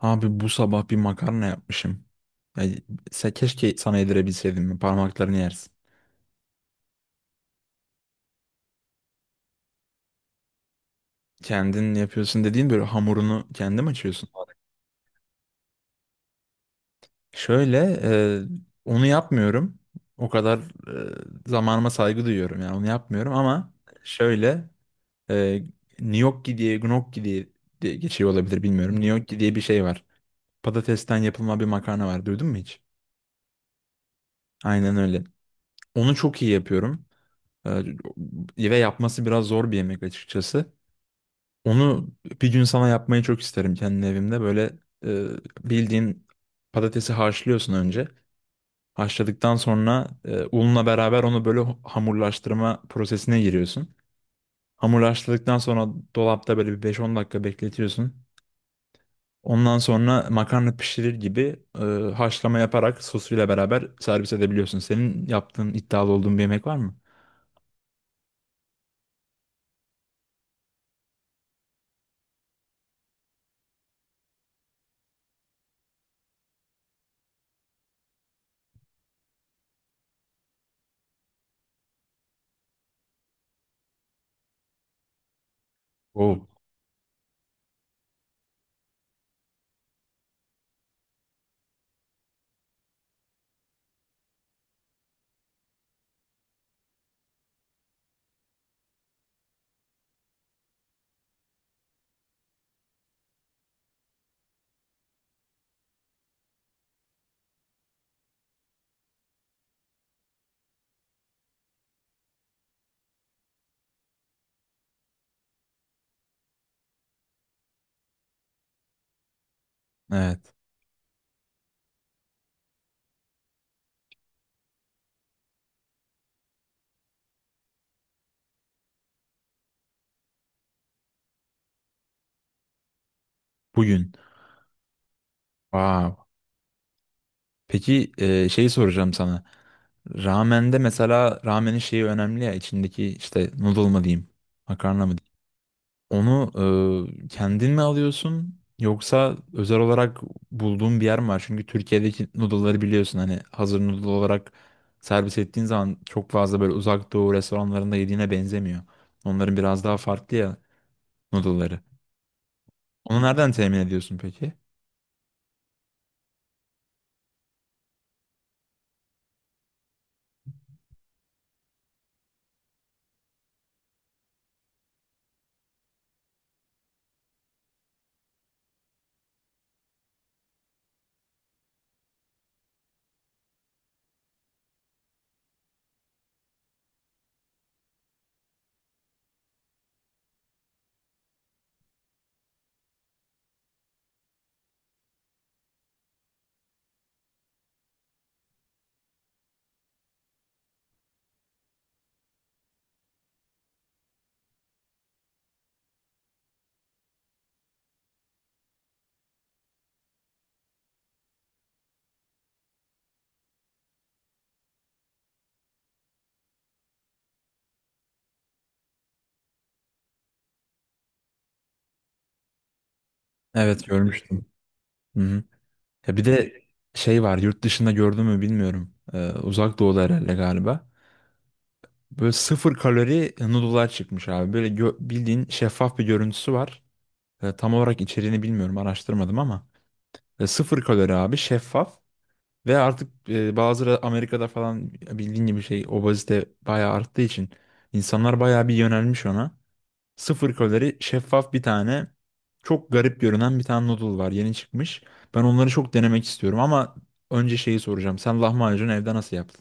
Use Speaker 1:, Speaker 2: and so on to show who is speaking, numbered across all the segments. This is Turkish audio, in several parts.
Speaker 1: Abi bu sabah bir makarna yapmışım. Ya, keşke sana yedirebilseydim. Parmaklarını yersin. Kendin yapıyorsun dediğin böyle hamurunu kendin mi açıyorsun? Şöyle onu yapmıyorum. O kadar zamanıma saygı duyuyorum yani onu yapmıyorum ama şöyle e, gnocchi diye geçiyor olabilir bilmiyorum. Gnocchi diye bir şey var. Patatesten yapılma bir makarna var. Duydun mu hiç? Aynen öyle. Onu çok iyi yapıyorum. Ve yapması biraz zor bir yemek açıkçası. Onu bir gün sana yapmayı çok isterim kendi evimde. Böyle e, bildiğin patatesi haşlıyorsun önce. Haşladıktan sonra unla beraber onu böyle hamurlaştırma prosesine giriyorsun. Hamurlaştırdıktan sonra dolapta böyle bir 5-10 dakika bekletiyorsun. Ondan sonra makarna pişirir gibi haşlama yaparak sosuyla beraber servis edebiliyorsun. Senin yaptığın iddialı olduğun bir yemek var mı? Oh. Evet. Bugün. Wow. Peki şeyi soracağım sana. Ramen'de mesela ramenin şeyi önemli ya içindeki işte noodle mı diyeyim, makarna mı diyeyim. Onu kendin mi alıyorsun yoksa özel olarak bulduğun bir yer mi var? Çünkü Türkiye'deki noodle'ları biliyorsun hani hazır noodle olarak servis ettiğin zaman çok fazla böyle uzak doğu restoranlarında yediğine benzemiyor. Onların biraz daha farklı ya noodle'ları. Onu nereden temin ediyorsun peki? Evet, görmüştüm. Hı hı. Ya bir de şey var yurt dışında gördün mü bilmiyorum. Uzak doğuda herhalde galiba. Böyle sıfır kalori noodle'lar çıkmış abi. Böyle bildiğin şeffaf bir görüntüsü var. Tam olarak içeriğini bilmiyorum, araştırmadım ama. Sıfır kalori abi, şeffaf. Ve artık bazıları Amerika'da falan bildiğin gibi şey obezite bayağı arttığı için insanlar bayağı bir yönelmiş ona. Sıfır kalori şeffaf bir tane çok garip görünen bir tane noodle var, yeni çıkmış. Ben onları çok denemek istiyorum ama önce şeyi soracağım. Sen lahmacun evde nasıl yaptın?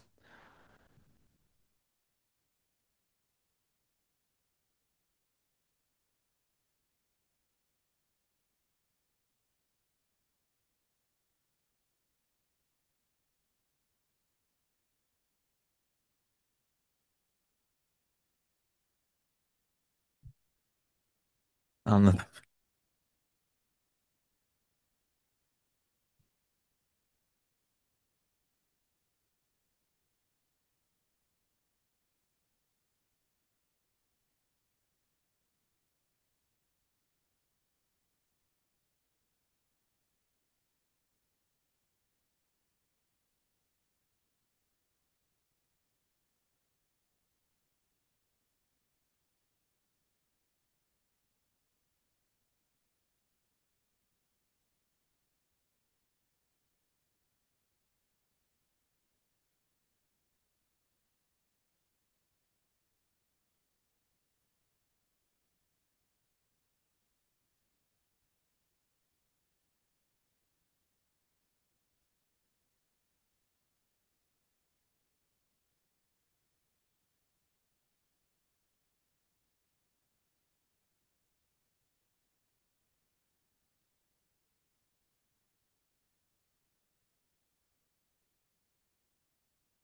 Speaker 1: Anladım.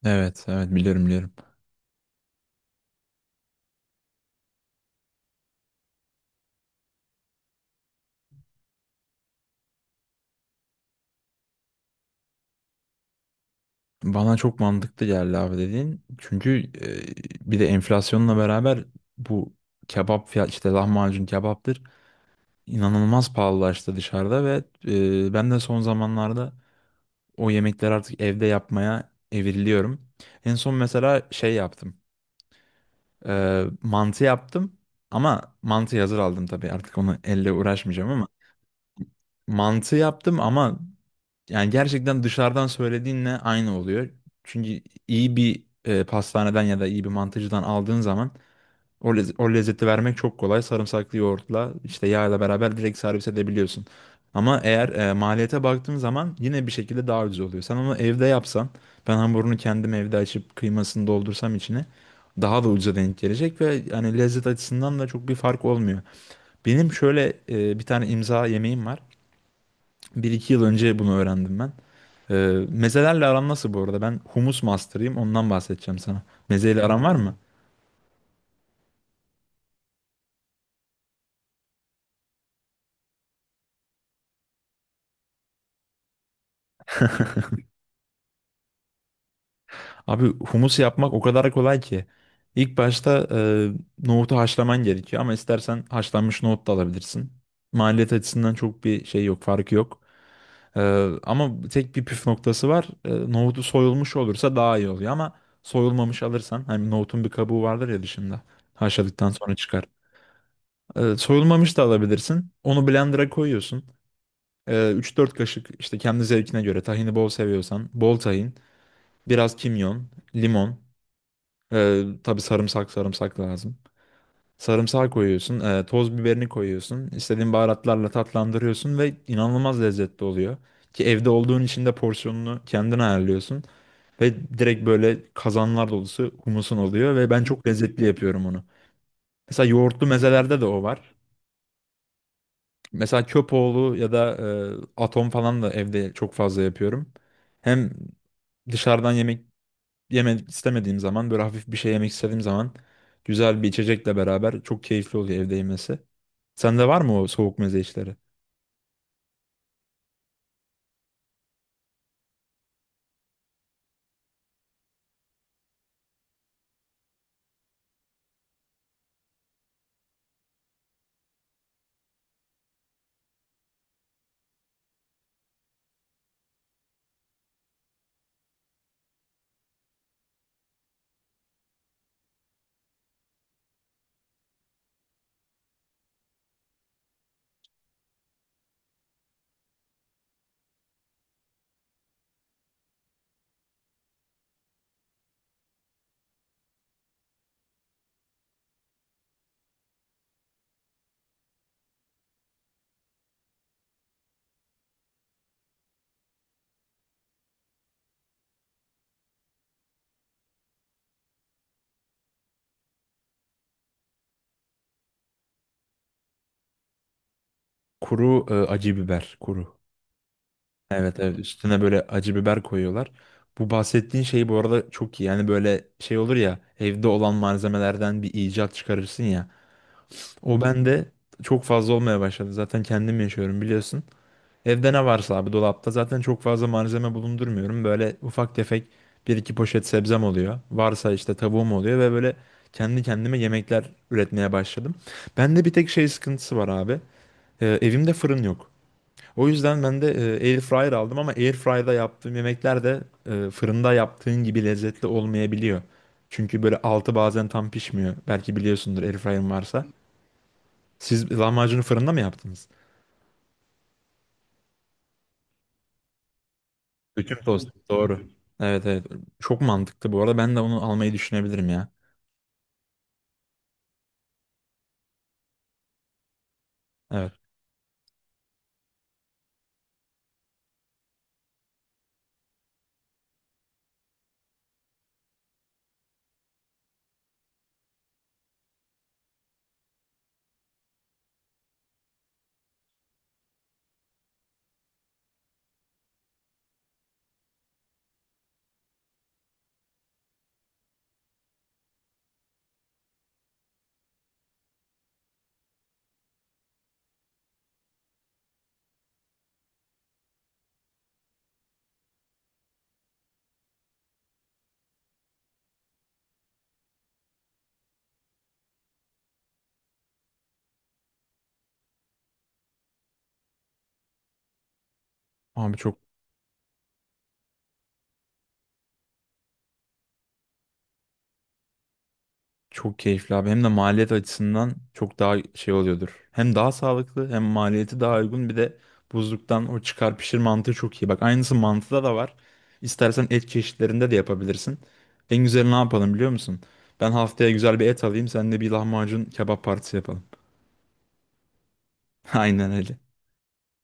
Speaker 1: Evet, evet, biliyorum biliyorum. Bana çok mantıklı geldi abi dediğin. Çünkü bir de enflasyonla beraber bu kebap fiyat işte lahmacun kebaptır inanılmaz pahalılaştı dışarıda ve ben de son zamanlarda o yemekleri artık evde yapmaya evriliyorum. En son mesela şey yaptım. Mantı yaptım ama mantı hazır aldım tabii, artık onu elle uğraşmayacağım ama mantı yaptım ama yani gerçekten dışarıdan söylediğinle aynı oluyor. Çünkü iyi bir pastaneden ya da iyi bir mantıcıdan aldığın zaman o lezzeti vermek çok kolay. Sarımsaklı yoğurtla işte yağla beraber direkt servis edebiliyorsun. Ama eğer maliyete baktığın zaman yine bir şekilde daha ucuz oluyor. Sen onu evde yapsan, ben hamurunu kendim evde açıp kıymasını doldursam içine daha da ucuza denk gelecek ve yani lezzet açısından da çok bir fark olmuyor. Benim şöyle bir tane imza yemeğim var. Bir iki yıl önce bunu öğrendim ben. E, Mezelerle aram nasıl bu arada? Ben humus master'ıyım. Ondan bahsedeceğim sana. Mezeyle aran var mı? Abi humus yapmak o kadar kolay ki. İlk başta nohutu haşlaman gerekiyor ama istersen haşlanmış nohut da alabilirsin. Maliyet açısından çok bir şey yok, farkı yok. E, Ama tek bir püf noktası var. Nohutu soyulmuş olursa daha iyi oluyor ama soyulmamış alırsan hani nohutun bir kabuğu vardır ya dışında. Haşladıktan sonra çıkar. Soyulmamış da alabilirsin. Onu blender'a koyuyorsun. 3-4 kaşık işte kendi zevkine göre tahini, bol seviyorsan bol tahin, biraz kimyon, limon. Tabii sarımsak lazım. Sarımsağı koyuyorsun, toz biberini koyuyorsun, istediğin baharatlarla tatlandırıyorsun ve inanılmaz lezzetli oluyor. Ki evde olduğun için de porsiyonunu kendin ayarlıyorsun. Ve direkt böyle kazanlar dolusu humusun oluyor ve ben çok lezzetli yapıyorum onu. Mesela yoğurtlu mezelerde de o var. Mesela köpoğlu ya da atom falan da evde çok fazla yapıyorum. Hem dışarıdan yemek yemek istemediğim zaman böyle hafif bir şey yemek istediğim zaman güzel bir içecekle beraber çok keyifli oluyor evde yemesi. Sende var mı o soğuk meze işleri? Kuru acı biber, kuru. Evet, evet, üstüne böyle acı biber koyuyorlar. Bu bahsettiğin şey bu arada çok iyi. Yani böyle şey olur ya, evde olan malzemelerden bir icat çıkarırsın ya. O bende çok fazla olmaya başladı. Zaten kendim yaşıyorum biliyorsun. Evde ne varsa abi, dolapta zaten çok fazla malzeme bulundurmuyorum. Böyle ufak tefek bir iki poşet sebzem oluyor. Varsa işte tavuğum oluyor ve böyle kendi kendime yemekler üretmeye başladım. Bende bir tek şey sıkıntısı var abi. Evimde fırın yok. O yüzden ben de air fryer aldım ama air fryer'da yaptığım yemekler de fırında yaptığın gibi lezzetli olmayabiliyor. Çünkü böyle altı bazen tam pişmiyor. Belki biliyorsundur air fryer'ın varsa. Siz lahmacunu fırında mı yaptınız? Bütün tost. Doğru. Evet, evet. Çok mantıklı bu arada. Ben de onu almayı düşünebilirim ya. Evet. Abi çok keyifli abi. Hem de maliyet açısından çok daha şey oluyordur. Hem daha sağlıklı hem maliyeti daha uygun. Bir de buzluktan o çıkar pişir mantığı çok iyi. Bak aynısı mantıda da var. İstersen et çeşitlerinde de yapabilirsin. En güzeli ne yapalım biliyor musun? Ben haftaya güzel bir et alayım. Sen de bir lahmacun kebap partisi yapalım. Aynen öyle.